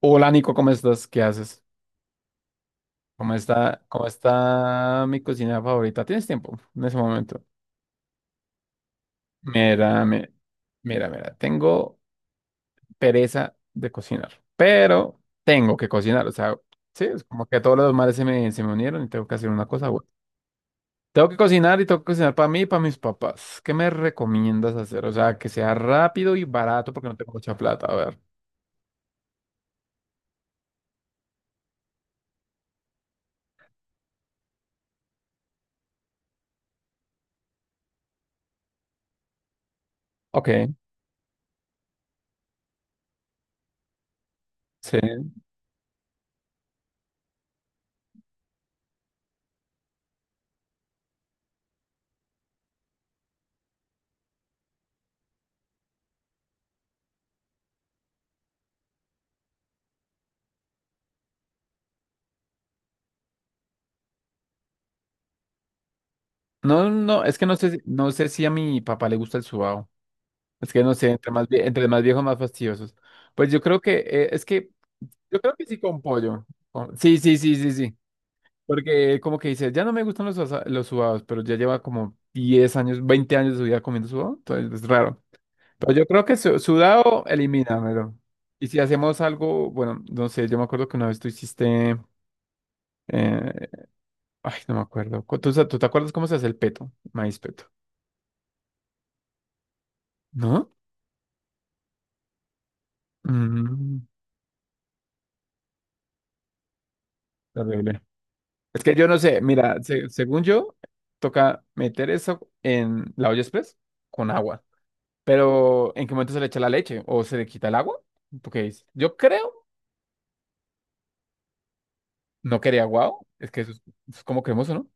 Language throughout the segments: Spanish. Hola Nico, ¿cómo estás? ¿Qué haces? ¿Cómo está mi cocina favorita? ¿Tienes tiempo en ese momento? Mira, mi- mira, tengo pereza de cocinar, pero tengo que cocinar, o sea, sí, es como que todos los males se me unieron y tengo que hacer una cosa buena. Tengo que cocinar y tengo que cocinar para mí y para mis papás. ¿Qué me recomiendas hacer? O sea, que sea rápido y barato porque no tengo mucha plata, a ver. Ok, sí. No, no, es que no sé, no sé si a mi papá le gusta el sudado. Es que no sé, entre más viejos, más fastidiosos. Pues yo creo que sí con pollo. Sí, sí, sí, sí, sí. Porque como que dice, ya no me gustan los sudados, pero ya lleva como 10 años, 20 años de su vida comiendo sudado, entonces es raro. Pero yo creo que sudado, elimínamelo. Y si hacemos algo, bueno, no sé, yo me acuerdo que una vez tú hiciste, eh, ay, no me acuerdo. ¿Tú te acuerdas cómo se hace el peto? Maíz peto, ¿no? Mm, terrible. Es que yo no sé, mira, según yo, toca meter eso en la olla express con agua. Pero ¿en qué momento se le echa la leche? ¿O se le quita el agua? Porque yo creo, no quería guau, es que eso es como cremoso, ¿no?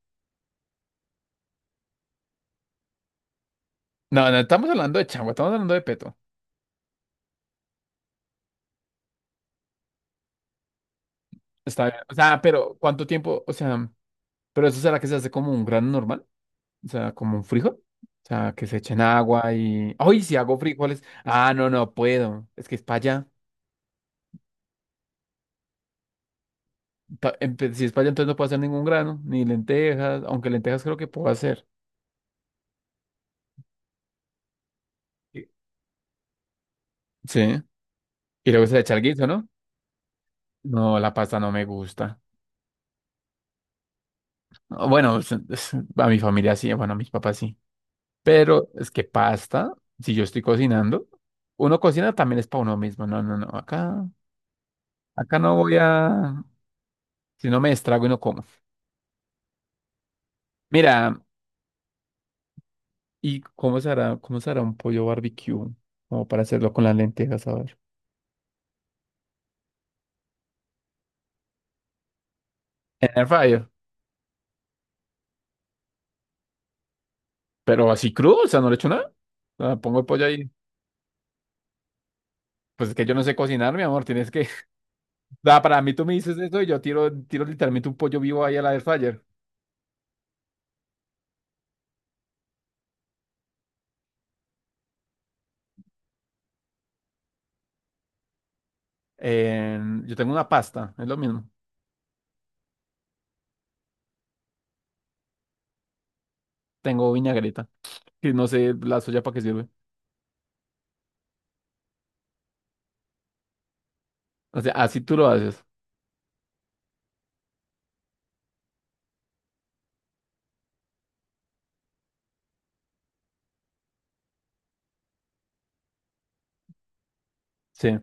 No, no estamos hablando de changua, estamos hablando de peto. Está bien. O sea, pero ¿cuánto tiempo? O sea, ¿pero eso será que se hace como un grano normal? O sea, como un frijol. O sea, que se echen agua y... ¡Ay, si hago frijoles! Ah, no, no puedo. Es que es para allá. Si es para allá, entonces no puedo hacer ningún grano, ni lentejas, aunque lentejas creo que puedo hacer. Y- Sí. Y luego se le echa el guiso, ¿no? No, la pasta no me gusta. Ah, bueno, a mi familia sí, bueno, a mis papás sí. Pero es que pasta, si yo estoy cocinando, uno cocina también es para uno mismo. No, no, no. Acá no voy a. Si no me estrago y no como. Mira, ¿y cómo se hará un pollo barbecue? Como para hacerlo con las lentejas, a ver. En el air fryer. Pero así crudo, o sea, no le echo nada. O sea, pongo el pollo ahí. Pues es que yo no sé cocinar, mi amor, tienes que... Da, para mí tú me dices eso y yo tiro, tiro literalmente un pollo vivo ahí a la air fryer. Eh, yo tengo una pasta, es lo mismo. Tengo vinagreta, que no sé la soya para qué sirve. O sea, así tú lo haces. Sí.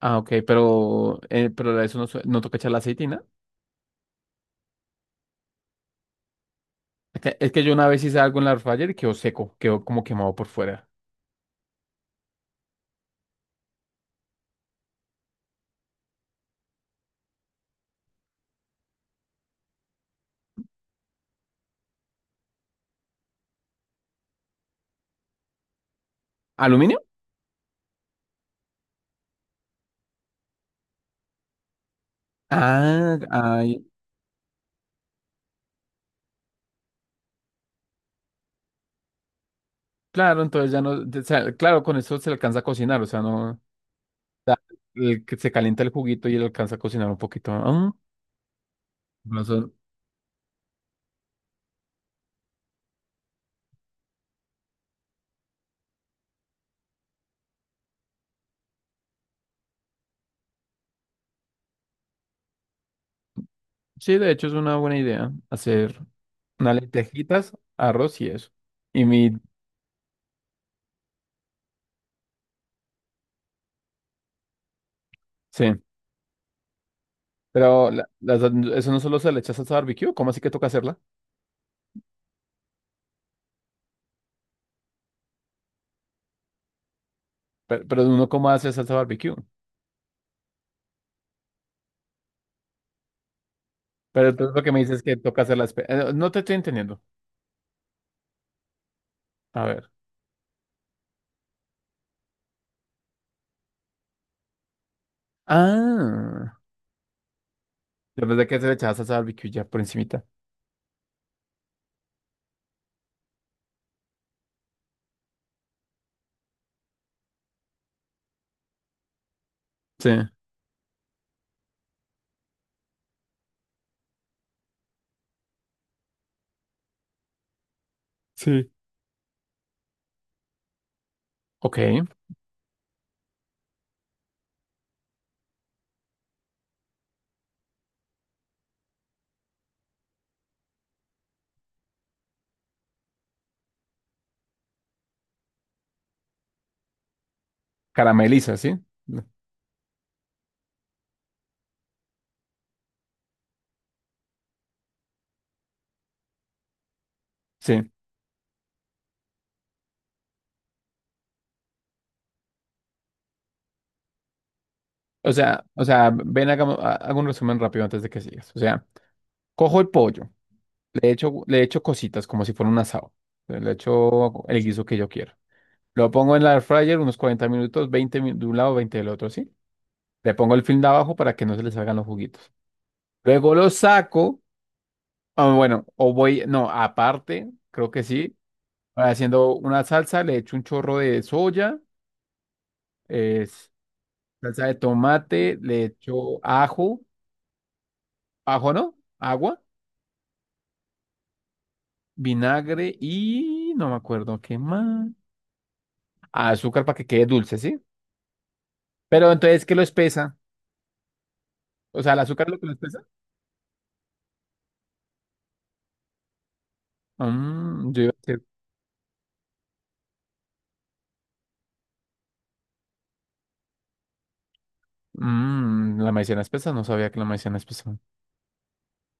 Ah, ok, pero a eso no toca echar la aceitina. Es que yo una vez hice algo en la air fryer y quedó seco, quedó como quemado por fuera. ¿Aluminio? Ah, ay, claro, entonces ya no, o sea, claro, con eso se alcanza a cocinar, o sea, no... sea, el que se calienta el juguito y él alcanza a cocinar un poquito. Ah, no son- sí, de hecho es una buena idea hacer unas lentejitas, arroz y eso. Y mi, sí, pero eso no solo se le echa salsa barbecue, ¿cómo así que toca hacerla? Pero uno cómo hace salsa barbecue. Pero entonces lo que me dices es que toca hacerla. No te estoy entendiendo. A ver. Ah, después de que se le echaba salsa barbecue ya por encimita. Sí, sí. Ok, carameliza, ¿sí? Sí. O sea, ven, hago un resumen rápido antes de que sigas. O sea, cojo el pollo, le echo cositas como si fuera un asado. Le echo el guiso que yo quiero. Lo pongo en la air fryer unos 40 minutos, de un lado, 20 del otro, ¿sí? Le pongo el film de abajo para que no se le salgan los juguitos. Luego lo saco, ah, bueno, o voy, no, aparte, creo que sí, haciendo una salsa, le echo un chorro de soya, es salsa de tomate, le echo ajo, ajo no, agua. Vinagre y no me acuerdo qué más. Ah, azúcar para que quede dulce, ¿sí? Pero entonces, ¿qué lo espesa? O sea, ¿el azúcar es lo que lo espesa? Mm, yo iba a decir, la maicena espesa, no sabía que la maicena espesa.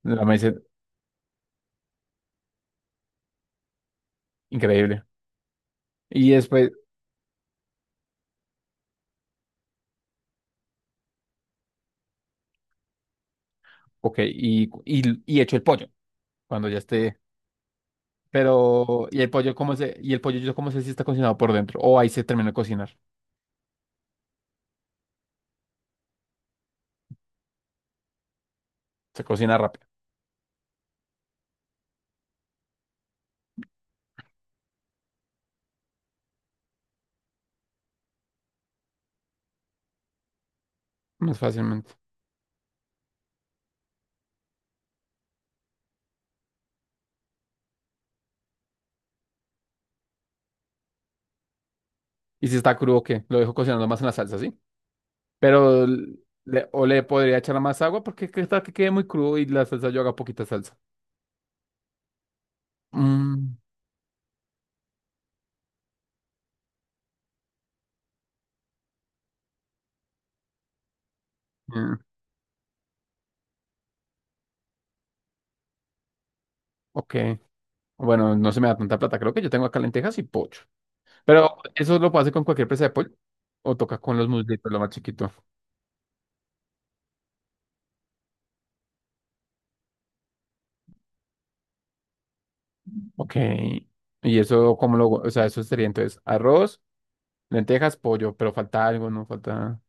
La maicena, increíble. Y después, ok, y hecho el pollo, cuando ya esté. Pero, ¿y el pollo yo cómo sé si está cocinado por dentro? O ahí se termina de cocinar. Se cocina rápido, más fácilmente. Y si está crudo, ¿qué? Lo dejo cocinando más en la salsa, ¿sí? Pero o le podría echar más agua porque qué tal que quede muy crudo y la salsa yo haga poquita salsa. Mm, mm, ok. Bueno, no se me da tanta plata. Creo que yo tengo acá lentejas y pollo. Pero eso lo puedo hacer con cualquier presa de pollo. O toca con los muslitos, lo más chiquito. Ok. Y eso, ¿cómo lo...? O sea, eso sería entonces arroz, lentejas, pollo. Pero falta algo, ¿no? Falta...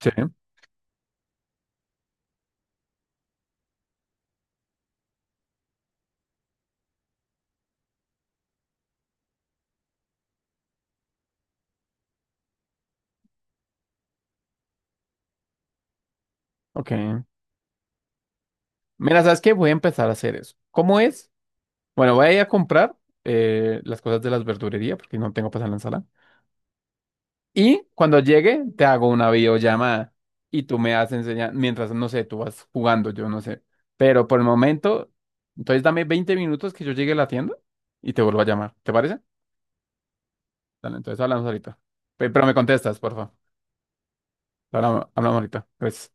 Sí. Ok. Mira, ¿sabes qué? Voy a empezar a hacer eso. ¿Cómo es? Bueno, voy a ir a comprar las cosas de las verdurerías porque no tengo para hacer la ensalada. Y cuando llegue, te hago una videollamada y tú me vas enseñando, mientras, no sé, tú vas jugando, yo no sé. Pero por el momento, entonces dame 20 minutos que yo llegue a la tienda y te vuelvo a llamar. ¿Te parece? Dale, entonces hablamos ahorita. Pero me contestas, por favor. Hablamos, hablamos ahorita. Gracias.